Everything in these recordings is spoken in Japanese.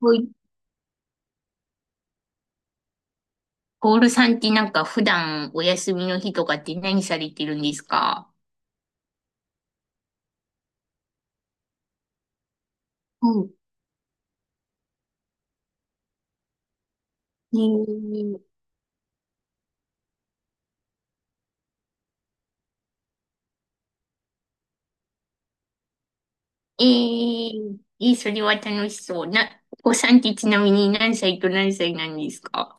ほい。ポールさんってなんか普段お休みの日とかって何されてるんですか？うん。ええ。ー、えー、それは楽しそう。な、お子さんってちなみに何歳と何歳なんですか？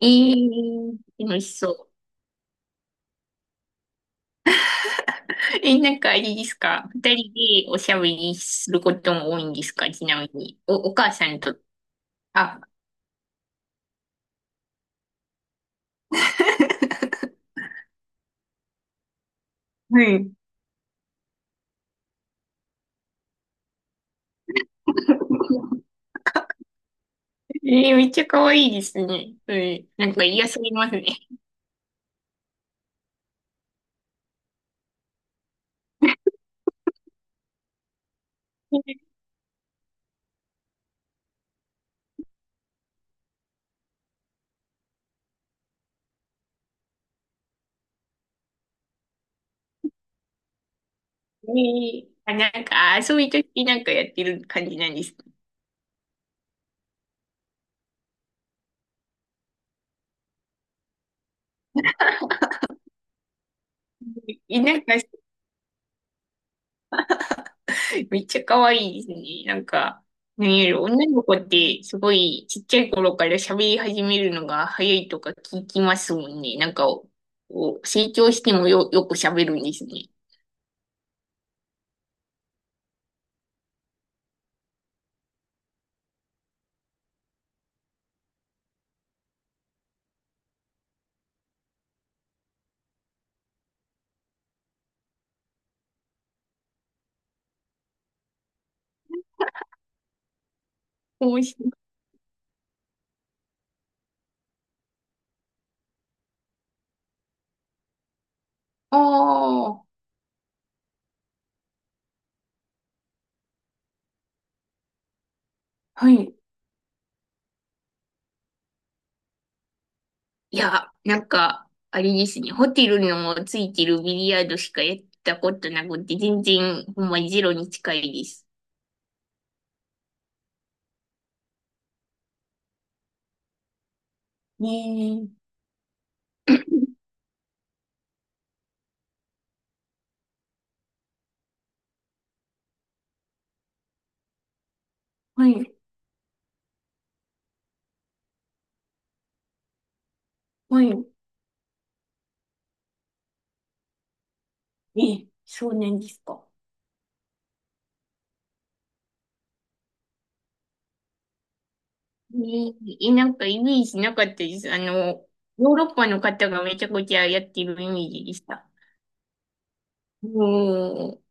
えー、楽しそう。え、なんかあれですか、二人でおしゃべりすることも多いんですか、ちなみに。お、お母さんと。あ、はい。えー、めっちゃ可愛いですね。うん、なんか癒されますね。ねえ、あ、なんか、遊びとき、なんかやってる感じなんですね。え、なんか、めっちゃ可愛いですね。なんか、何より女の子ってすごいちっちゃい頃から喋り始めるのが早いとか聞きますもんね。なんか、お、お成長してもよ、よく喋るんですね。面白い。ああ、はい。いや、なんか、あれですね。ホテルのついてるビリヤードしかやったことなくて、全然、ほんまゼロに近いです。ねえ。はい、はい。え、少年ですか。ねえ、なんかイメージなかったです。あの、ヨーロッパの方がめちゃくちゃやってるイメージでした。うん。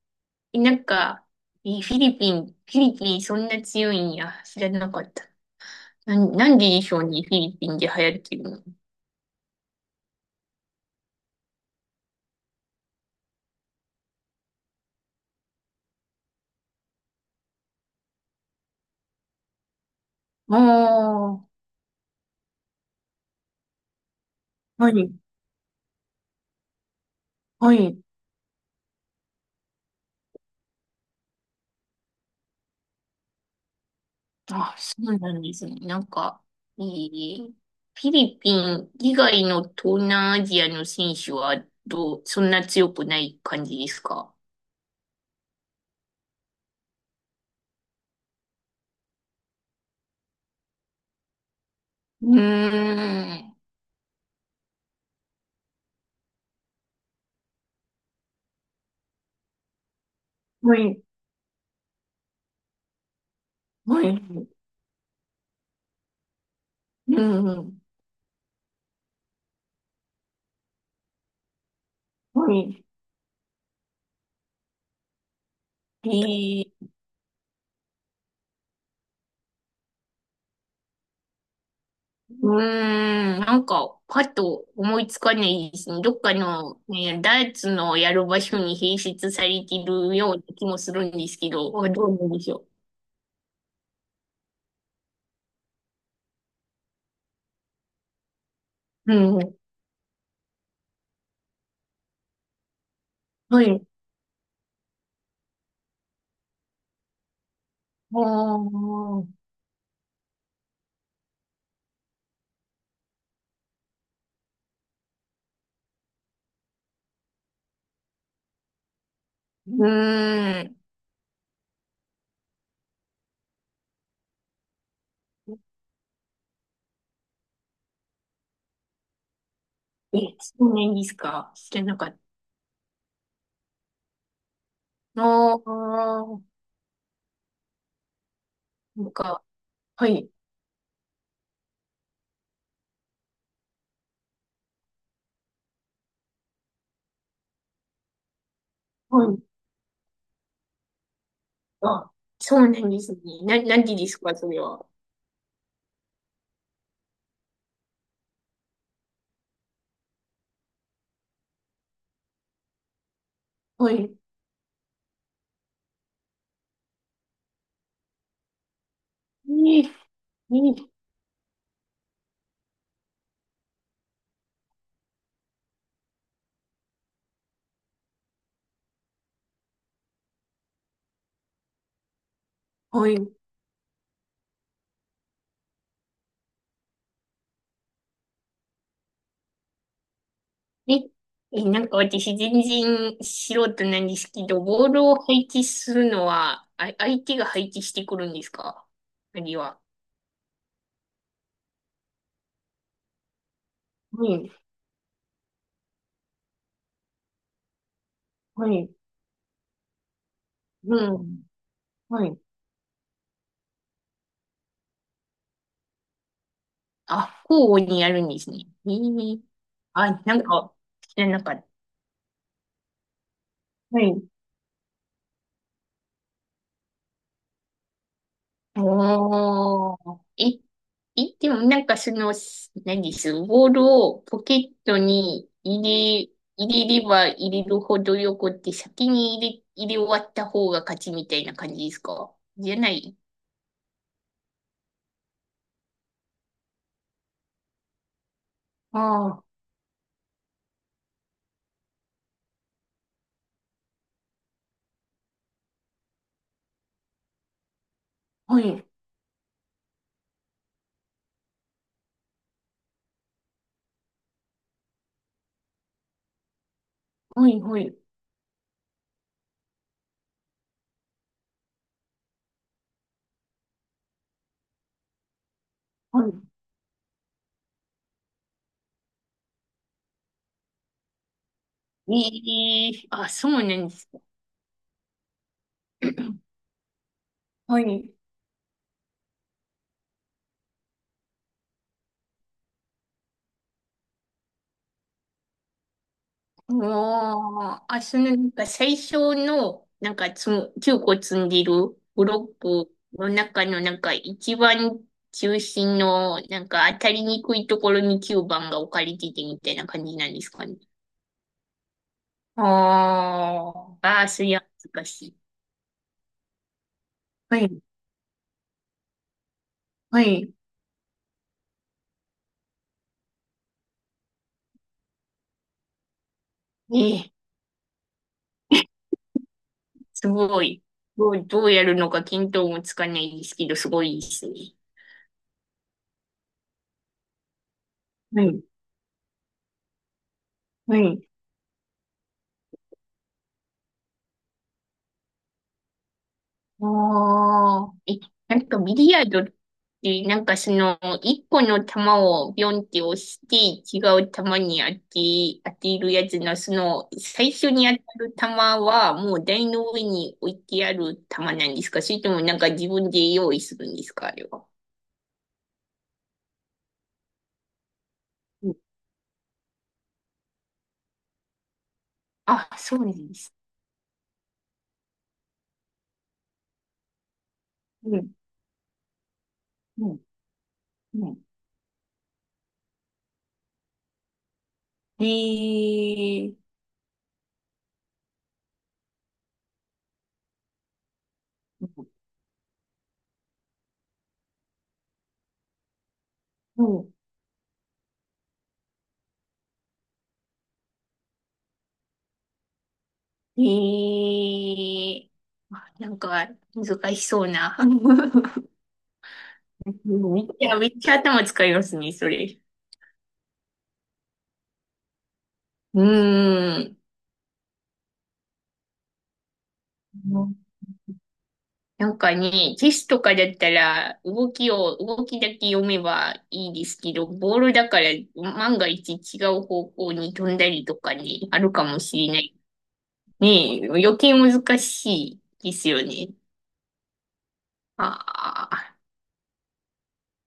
え、なんか、え、フィリピン、フィリピンそんな強いんや。知らなかった。なん、なんででしょうね、フィリピンで流行ってるの。ああ、はい、はい。あ、そうなんですね。なんか、えー、フィリピン以外の東南アジアの選手はどう、そんな強くない感じですか？うーん。はい、はい、うん、はい。えー、うーん、なんか、パッと思いつかないですね。どっかの、ね、ダーツのやる場所に併設されているような気もするんですけど、あ、どうなんでしょう。うん、はい。ああ。うーん。え、そうなんですか。知らなかった。ああ、なんか、はい、はい。あ、そうなんですね。な、何時ですか、それは。はい。ええ、はい。え、え、なんか私全然素人なんですけど、ボールを配置するのは、あ、相手が配置してくるんですか、あるいは。はい、はい、うん、はい。あ、交互にやるんですね。ええ、あ、なんか、知らなかった。はい。おー。え、え、でもなんかその、す、何です、ボールをポケットに入れ、入れれば入れるほどよくって先に入れ、入れ終わった方が勝ちみたいな感じですか、じゃない、ああー、はい。はい、はい。はい。ええ、あ、そうなんですか。はい。ああ、あ、そのなんか最初の、なんかつむ、9個積んでるブロックの中のなんか一番中心のなんか当たりにくいところに9番が置かれててみたいな感じなんですかね。ああ、ああ、そりゃ難しい。はい、はい。ええ、すごい。どう、どうやるのか見当もつかないですけど、すごいですね。はい、はい。ああ、え、なんかビリヤードって、なんかその、一個の球をビョンって押して、違う球に当て、当てるやつの、その、最初に当たる球は、もう台の上に置いてある球なんですか、それともなんか自分で用意するんですか、あれは。うん、あ、そうなんです。うん、うん、うん。へえ、うん、うん、へえ、あ、なんか難しそうな。うん、いや、めっちゃ頭使いますね、それ。うーん。なんかね、チェスとかだったら、動きを、動きだけ読めばいいですけど、ボールだから、万が一違う方向に飛んだりとかね、あるかもしれない。ねえ、余計難しいですよね。ああ。